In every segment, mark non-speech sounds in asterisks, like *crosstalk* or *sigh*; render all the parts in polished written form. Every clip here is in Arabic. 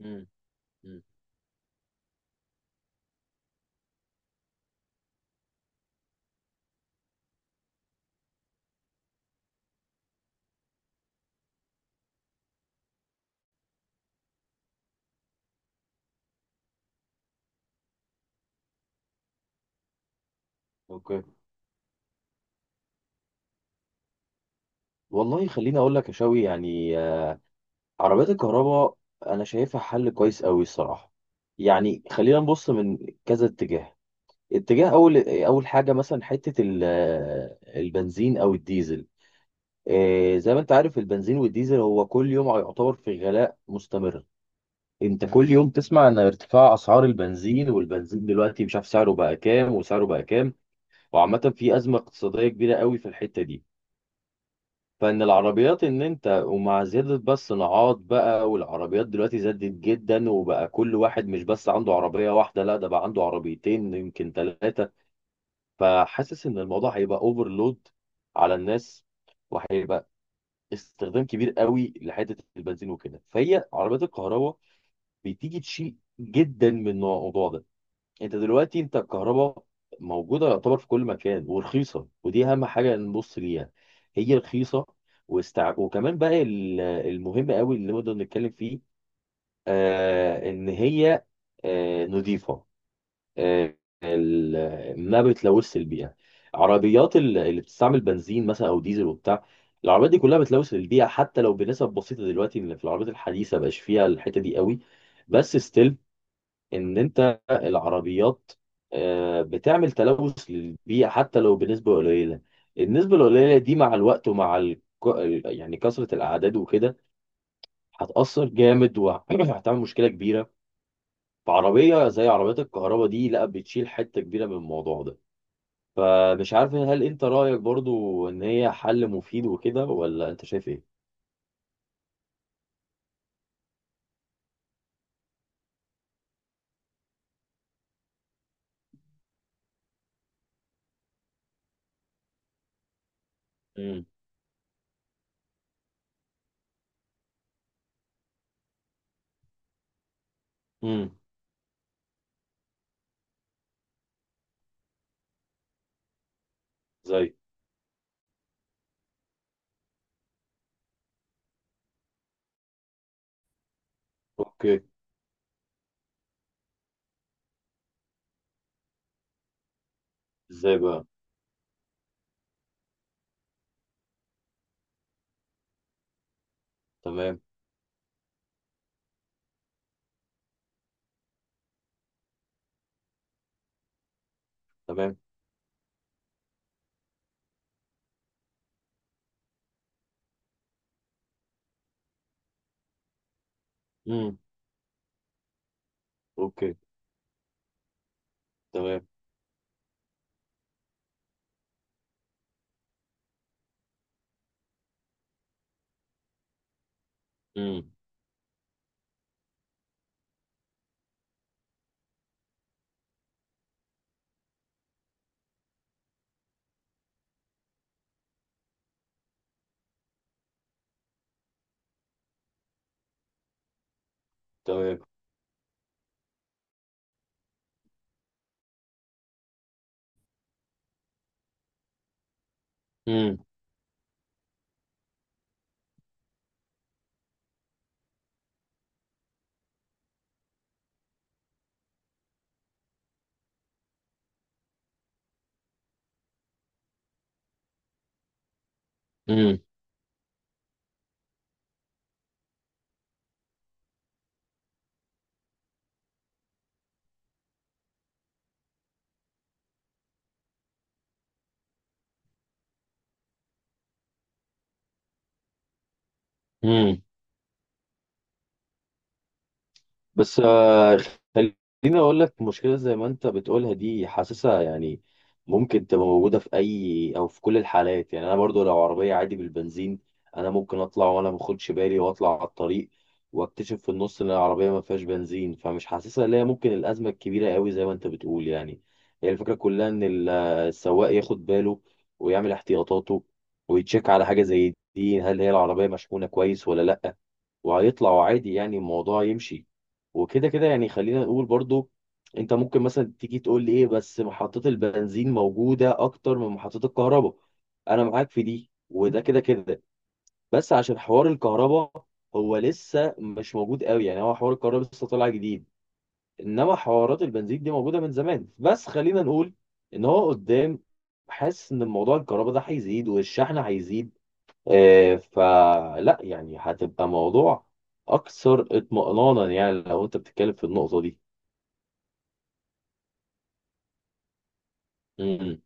مم. مم. اوكي. والله خليني اقول لك. يا شوي يعني عربيات الكهرباء انا شايفها حل كويس قوي الصراحه. يعني خلينا نبص من كذا اتجاه. اتجاه اول حاجه مثلا حته البنزين او الديزل. زي ما انت عارف، البنزين والديزل هو كل يوم يعتبر في غلاء مستمر. انت كل يوم تسمع ان ارتفاع اسعار البنزين، والبنزين دلوقتي مش عارف سعره بقى كام وسعره بقى كام. وعامه في ازمه اقتصاديه كبيره قوي في الحته دي. فان العربيات ان انت، ومع زياده بقى الصناعات بقى، والعربيات دلوقتي زادت جدا وبقى كل واحد مش بس عنده عربيه واحده، لا ده بقى عنده عربيتين يمكن ثلاثه. فحاسس ان الموضوع هيبقى اوفرلود على الناس، وهيبقى استخدام كبير قوي لحته البنزين وكده. فهي عربيات الكهرباء بتيجي تشيل جدا من الموضوع ده. انت دلوقتي الكهرباء موجوده يعتبر في كل مكان ورخيصه، ودي اهم حاجه نبص ليها. هي رخيصه. وكمان بقى المهم قوي اللي نقدر نتكلم فيه. ان هي نظيفه. آه، ما بتلوث البيئه. عربيات اللي بتستعمل بنزين مثلا او ديزل وبتاع، العربيات دي كلها بتلوث البيئه حتى لو بنسب بسيطه. دلوقتي إن في العربيات الحديثه بقاش فيها الحته دي قوي، بس ستيل ان انت العربيات بتعمل تلوث للبيئه حتى لو بنسبه قليله. النسبه القليله دي مع الوقت ومع يعني كثره الاعداد وكده، هتاثر جامد وهتعمل *clears throat* مشكله كبيره. فعربيه زي عربيات الكهرباء دي لا بتشيل حته كبيره من الموضوع ده. فمش عارف، هل انت رايك برضو ان هي حل مفيد وكده، ولا انت شايف ايه؟ امم. امم. زي. اوكي. ازاي بقى؟ تمام. تمام. امم. اوكي. تمام. امم. تمام. امم. امم. امم. بس خليني اقول لك، مشكله زي ما انت بتقولها دي حاسسها يعني ممكن تبقى موجوده في اي او في كل الحالات. يعني انا برضو لو عربيه عادي بالبنزين، انا ممكن اطلع وانا ما باخدش بالي واطلع على الطريق، واكتشف في النص ان العربيه ما فيهاش بنزين. فمش حاسسها اللي هي ممكن الازمه الكبيره قوي زي ما انت بتقول يعني. هي الفكره كلها ان السواق ياخد باله ويعمل احتياطاته ويتشيك على حاجه زي دي، هل هي العربيه مشحونه كويس ولا لا. وهيطلع عادي يعني الموضوع يمشي. وكده كده يعني. خلينا نقول برضو، انت ممكن مثلا تيجي تقول لي ايه، بس محطة البنزين موجودة اكتر من محطة الكهرباء. انا معاك في دي، وده كده كده. بس عشان حوار الكهرباء هو لسه مش موجود قوي، يعني هو حوار الكهرباء لسه طالع جديد، انما حوارات البنزين دي موجودة من زمان. بس خلينا نقول ان هو قدام، حاسس ان موضوع الكهرباء ده هيزيد والشحن هيزيد. فلا يعني هتبقى موضوع اكثر اطمئنانا، يعني لو انت بتتكلم في النقطة دي. مم.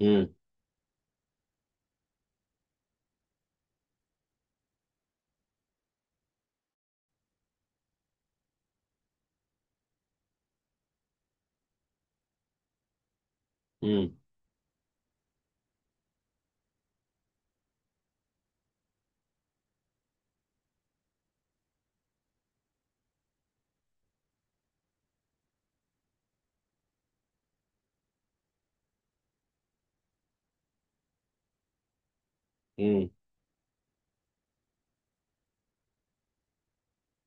مم. مم. مم.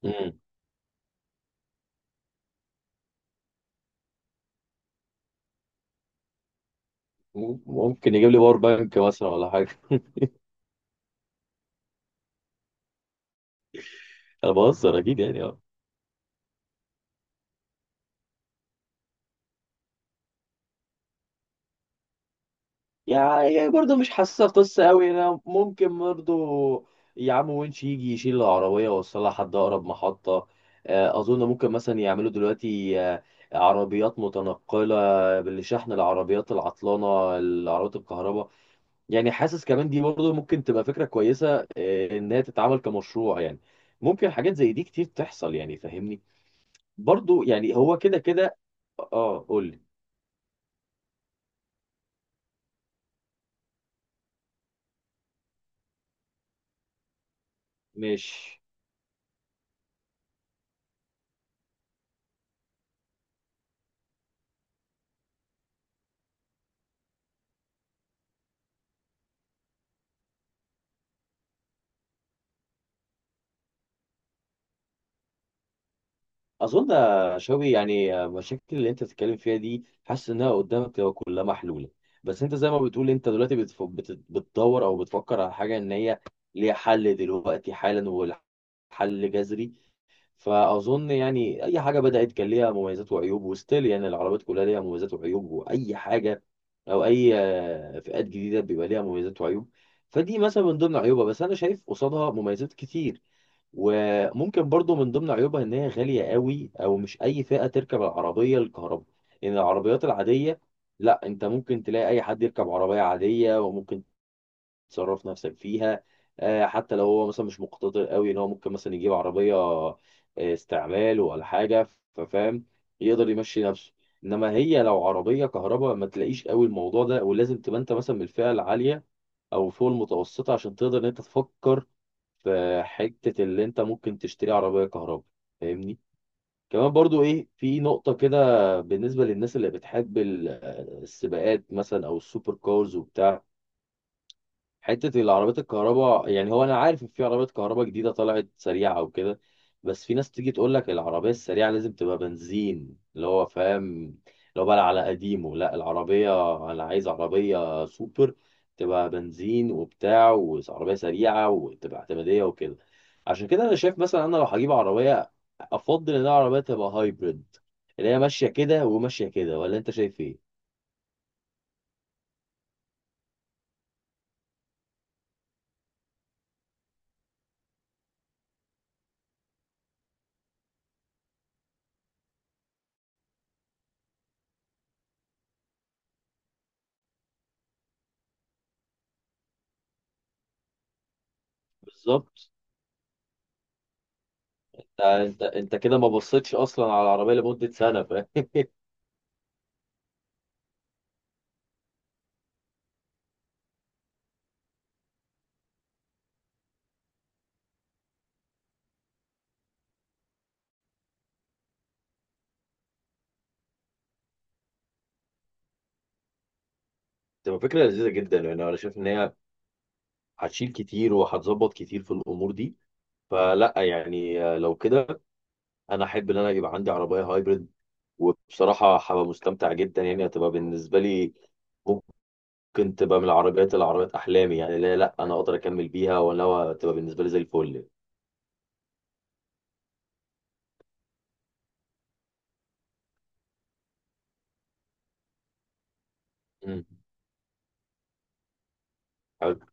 مم. ممكن يجيب لي باور بانك مثلا ولا حاجه؟ *laughs* انا بهزر اكيد يعني اه. يعني برضه مش حاسسها قصه قوي. انا ممكن برضه، يا عم، وينش يجي يشيل العربيه ويوصلها لحد اقرب محطه. اظن ممكن مثلا يعملوا دلوقتي عربيات متنقله بالشحن، العربيات العطلانه، العربيات الكهرباء. يعني حاسس كمان دي برضه ممكن تبقى فكرة كويسة، إنها تتعمل كمشروع يعني. ممكن حاجات زي دي كتير تحصل يعني، فاهمني؟ برضه يعني هو كده كده. اه قول لي. مش أظن يا شوقي. يعني المشاكل اللي أنت بتتكلم فيها دي حاسس إنها قدامك تبقى كلها محلولة. بس أنت زي ما بتقول، أنت دلوقتي بتدور أو بتفكر على حاجة إن هي ليها حل دلوقتي حالا والحل جذري. فاظن يعني اي حاجه بدات كان ليها مميزات وعيوب، وستيل يعني العربيات كلها ليها مميزات وعيوب، واي حاجه او اي فئات جديده بيبقى ليها مميزات وعيوب. فدي مثلا من ضمن عيوبها، بس انا شايف قصادها مميزات كتير. وممكن برضو من ضمن عيوبها ان هي غاليه قوي، او مش اي فئه تركب العربيه الكهرباء. ان العربيات العاديه، لا، انت ممكن تلاقي اي حد يركب عربيه عاديه، وممكن تصرف نفسك فيها حتى لو هو مثلا مش مقتدر قوي، ان هو ممكن مثلا يجيب عربية استعمال ولا حاجة. ففاهم، يقدر يمشي نفسه. انما هي لو عربية كهرباء ما تلاقيش قوي الموضوع ده، ولازم تبقى انت مثلا من الفئة العالية او فوق المتوسطة عشان تقدر ان انت تفكر في حتة اللي انت ممكن تشتري عربية كهرباء. فاهمني؟ كمان برضو ايه، في نقطة كده بالنسبة للناس اللي بتحب السباقات مثلا او السوبر كارز وبتاع. حتة العربيات الكهرباء، يعني هو أنا عارف إن في عربيات كهرباء جديدة طلعت سريعة وكده، بس في ناس تيجي تقول لك العربية السريعة لازم تبقى بنزين. اللي هو فاهم، اللي هو بقى على قديمه. لا، العربية أنا عايز عربية سوبر تبقى بنزين وبتاع، وعربية سريعة، وتبقى اعتمادية وكده. عشان كده أنا شايف مثلا، أنا لو هجيب عربية، أفضل إن العربية تبقى هايبريد، اللي هي ماشية كده وماشية كده. ولا أنت شايف إيه؟ بالظبط. ده انت كده ما بصيتش اصلا على العربيه لمده سنه، فاهم؟ *laughs* تبقى فكره لذيذه جدا. يعني انا شايف ان هي هتشيل كتير وهتظبط كتير في الامور دي. فلا يعني لو كده، انا احب ان انا يبقى عندي عربيه هايبرد. وبصراحه هبقى مستمتع جدا، يعني هتبقى بالنسبه لي ممكن تبقى من العربيات احلامي. يعني لا لا انا اقدر اكمل بيها، ولا هو تبقى بالنسبه لي زي الفل. مم. حلو.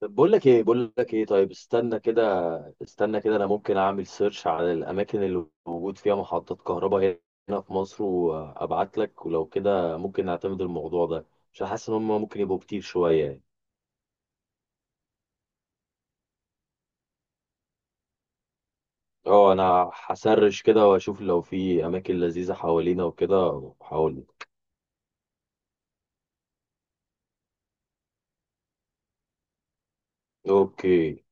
طب بقول لك ايه. طيب، استنى كده استنى كده، انا ممكن اعمل سيرش على الاماكن اللي موجود فيها محطات كهرباء هنا في مصر، وابعت لك. ولو كده ممكن نعتمد الموضوع ده، عشان حاسس ان هم ممكن يبقوا كتير شويه يعني. اه انا هسرش كده واشوف لو في اماكن لذيذه حوالينا وكده وهقول لك. اوكي